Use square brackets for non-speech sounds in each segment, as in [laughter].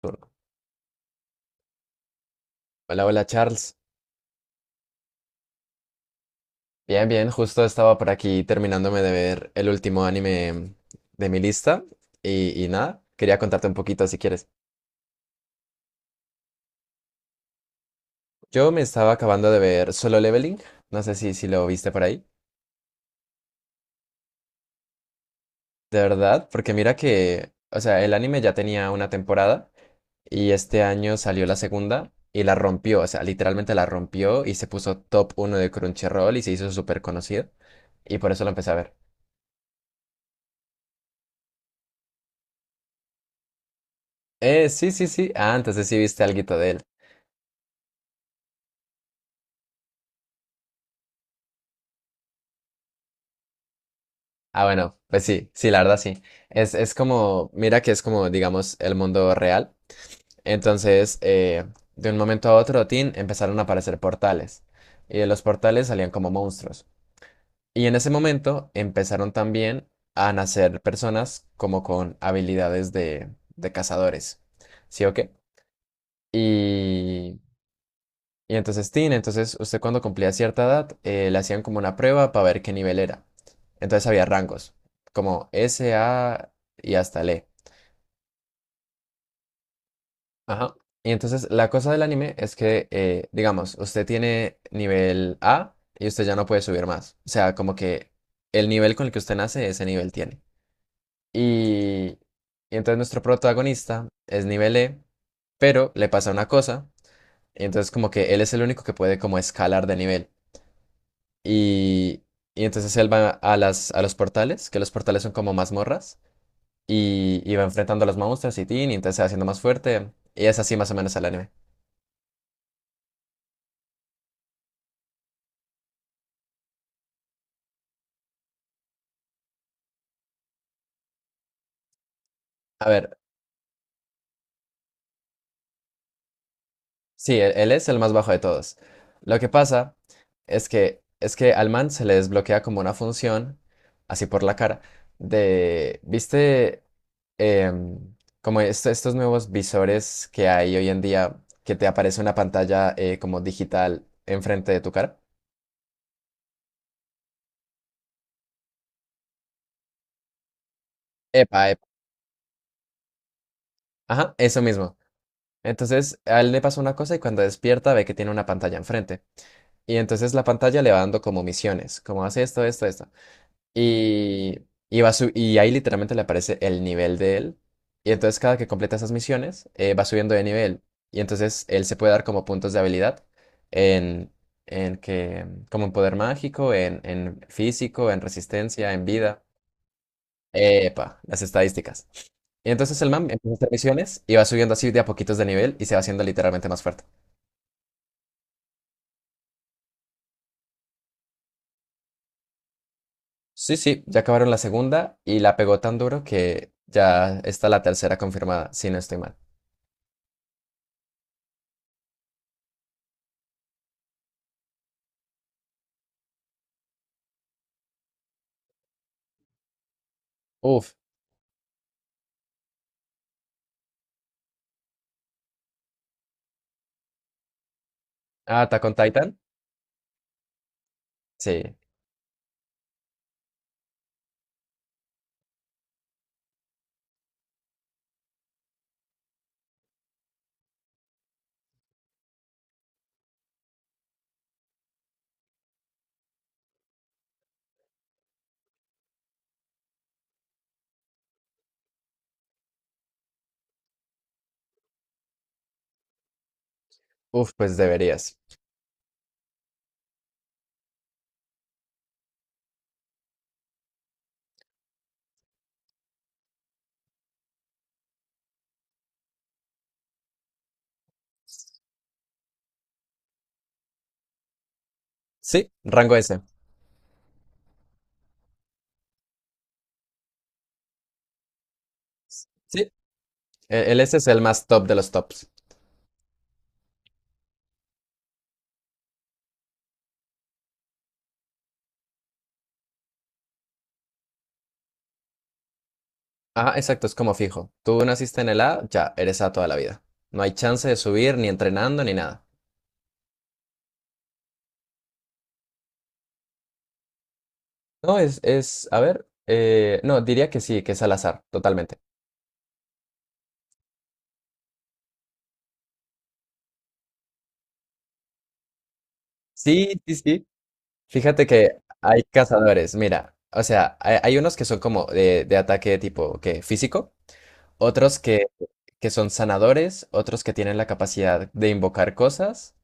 Turno. Hola, hola Charles. Bien, bien, justo estaba por aquí terminándome de ver el último anime de mi lista y nada, quería contarte un poquito si quieres. Yo me estaba acabando de ver Solo Leveling, no sé si lo viste por ahí, de verdad, porque mira que, o sea, el anime ya tenía una temporada y este año salió la segunda y la rompió, o sea, literalmente la rompió y se puso top uno de Crunchyroll y se hizo súper conocido y por eso lo empecé a ver. Sí, sí, sí, entonces sí viste alguito de él. Ah, bueno, pues sí, sí, la verdad sí. Es como, mira que es como, digamos, el mundo real. Entonces, de un momento a otro, tin, empezaron a aparecer portales. Y de los portales salían como monstruos. Y en ese momento empezaron también a nacer personas como con habilidades de cazadores. ¿Sí o qué? Y y entonces, Tin, entonces usted cuando cumplía cierta edad, le hacían como una prueba para ver qué nivel era. Entonces había rangos, como S, A y hasta L E. Ajá. Y entonces la cosa del anime es que, digamos, usted tiene nivel A y usted ya no puede subir más. O sea, como que el nivel con el que usted nace, ese nivel tiene. Y, y entonces nuestro protagonista es nivel E, pero le pasa una cosa. Y entonces como que él es el único que puede como escalar de nivel. Y, y entonces él va a las, a los portales, que los portales son como mazmorras, y va enfrentando a los monstruos y tin, y entonces se va haciendo más fuerte, y es así más o menos el anime. A ver, sí, él es el más bajo de todos. Lo que pasa es que al man se le desbloquea como una función, así por la cara, de, ¿viste? Em, como estos nuevos visores que hay hoy en día, que te aparece una pantalla como digital enfrente de tu cara. Epa, ajá, eso mismo. Entonces, a él le pasa una cosa y cuando despierta ve que tiene una pantalla enfrente. Y entonces la pantalla le va dando como misiones, como hace esto, esto, esto. Y, va y ahí literalmente le aparece el nivel de él. Y entonces cada que completa esas misiones, va subiendo de nivel. Y entonces él se puede dar como puntos de habilidad en, en que, como en poder mágico, en físico, en resistencia, en vida. Epa, las estadísticas. Y entonces el man empieza a hacer misiones y va subiendo así de a poquitos de nivel y se va haciendo literalmente más fuerte. Sí, sí, ya acabaron la segunda y la pegó tan duro que ya está la tercera confirmada, si no estoy mal. Uf, ah, Attack on Titan. Sí, uf, pues deberías. Sí, rango S. Sí, el S es el más top de los tops. Ah, exacto, es como fijo. Tú naciste en el A, ya eres A toda la vida. No hay chance de subir ni entrenando ni nada. No, a ver, no, diría que sí, que es al azar, totalmente. Sí, sí, sí. Fíjate que hay cazadores, mira, o sea, hay unos que son como de ataque tipo que físico, otros que son sanadores, otros que tienen la capacidad de invocar cosas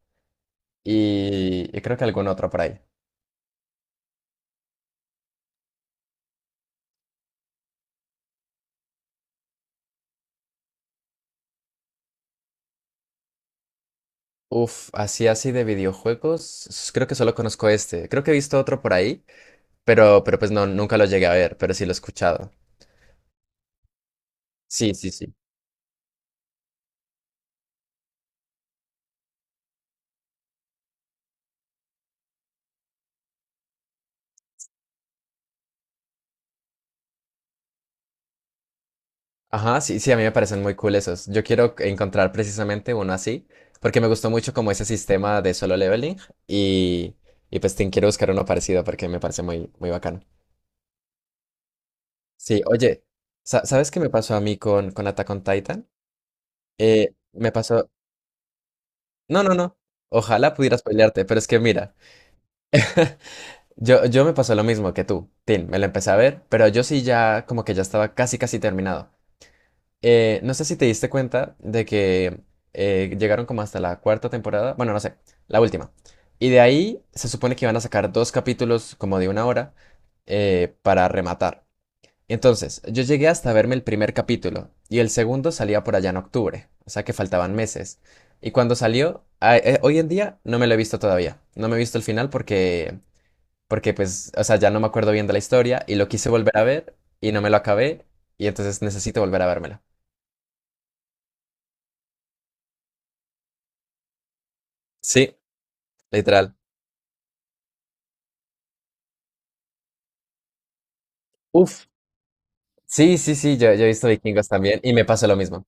y creo que algún otro por ahí. Uf, así así de videojuegos, creo que solo conozco este. Creo que he visto otro por ahí, pero pues no, nunca lo llegué a ver, pero sí lo he escuchado. Sí, sí, sí. Ajá, sí, sí, a mí me parecen muy cool esos. Yo quiero encontrar precisamente uno así, porque me gustó mucho como ese sistema de Solo Leveling y, y pues te quiero buscar uno parecido porque me parece muy bacano. Sí, oye, ¿sabes qué me pasó a mí con Attack on Titan? Me pasó... No, no, no. Ojalá pudieras pelearte, pero es que mira, [laughs] yo me pasó lo mismo que tú, Tin, me lo empecé a ver, pero yo sí ya como que ya estaba casi, casi terminado. No sé si te diste cuenta de que llegaron como hasta la cuarta temporada, bueno, no sé, la última. Y de ahí se supone que iban a sacar dos capítulos como de una hora para rematar. Entonces, yo llegué hasta verme el primer capítulo y el segundo salía por allá en octubre, o sea que faltaban meses. Y cuando salió, hoy en día no me lo he visto todavía, no me he visto el final porque, porque pues, o sea, ya no me acuerdo bien de la historia y lo quise volver a ver y no me lo acabé y entonces necesito volver a vérmelo. Sí, literal. Uf, sí, sí, sí, yo he visto Vikingos también y me pasa lo mismo.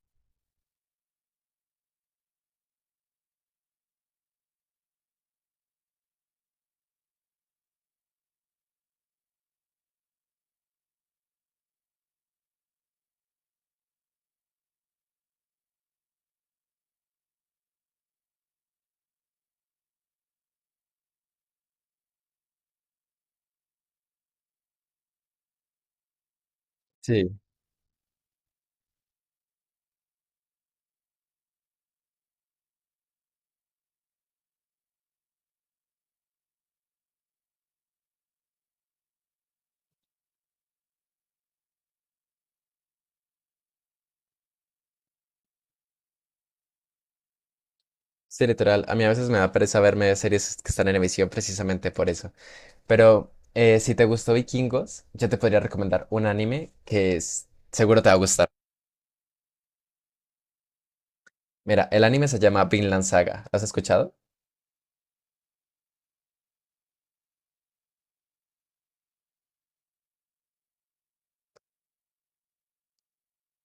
Sí, sí, literal. A mí a veces me da pereza verme series que están en emisión precisamente por eso. Pero si te gustó Vikingos, yo te podría recomendar un anime que seguro te va a gustar. Mira, el anime se llama Vinland Saga. ¿Lo has escuchado?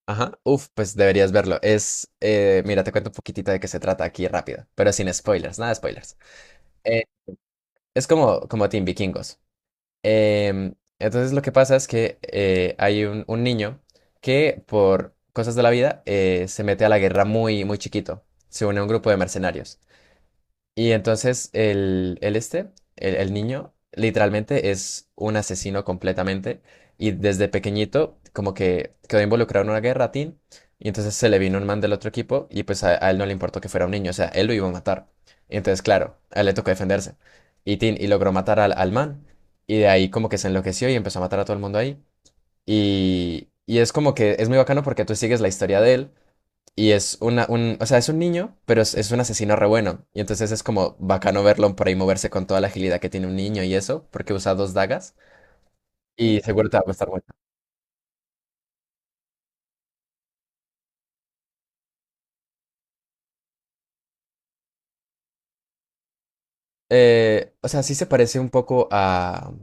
Ajá. Uf, pues deberías verlo. Es, mira, te cuento un poquitito de qué se trata aquí rápido, pero sin spoilers, nada de spoilers. Eh, es como, como Team Vikingos. Em, entonces lo que pasa es que hay un niño que por cosas de la vida se mete a la guerra muy, muy chiquito. Se une a un grupo de mercenarios. Y entonces el niño, literalmente es un asesino completamente. Y desde pequeñito, como que quedó involucrado en una guerra tin. Y entonces se le vino un man del otro equipo. Y pues a él no le importó que fuera un niño. O sea, él lo iba a matar. Y entonces, claro, a él le tocó defenderse. Y, tin y logró matar al man. Y de ahí, como que se enloqueció y empezó a matar a todo el mundo ahí. Y es como que es muy bacano porque tú sigues la historia de él. Y es o sea, es un niño, pero es un asesino re bueno. Y entonces es como bacano verlo por ahí moverse con toda la agilidad que tiene un niño y eso, porque usa dos dagas. Y seguro te va a gustar mucho. O sea, sí se parece un poco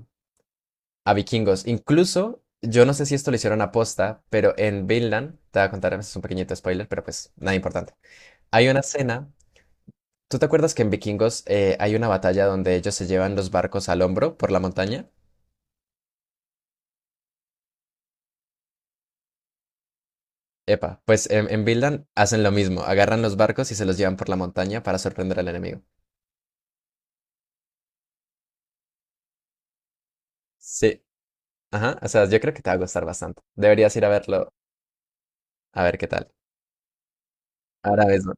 a Vikingos. Incluso, yo no sé si esto lo hicieron aposta, pero en Vinland, te voy a contar, es un pequeñito spoiler, pero pues nada importante. Hay una escena. ¿Tú te acuerdas que en Vikingos hay una batalla donde ellos se llevan los barcos al hombro por la montaña? Epa, pues en Vinland hacen lo mismo, agarran los barcos y se los llevan por la montaña para sorprender al enemigo. Sí, ajá, o sea, yo creo que te va a gustar bastante. Deberías ir a verlo, a ver qué tal. Ahora mismo.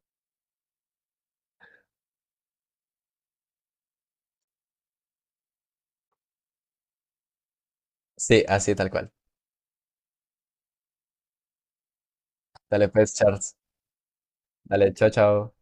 Sí, así tal cual. Dale pues, Charles. Dale, chao, chao.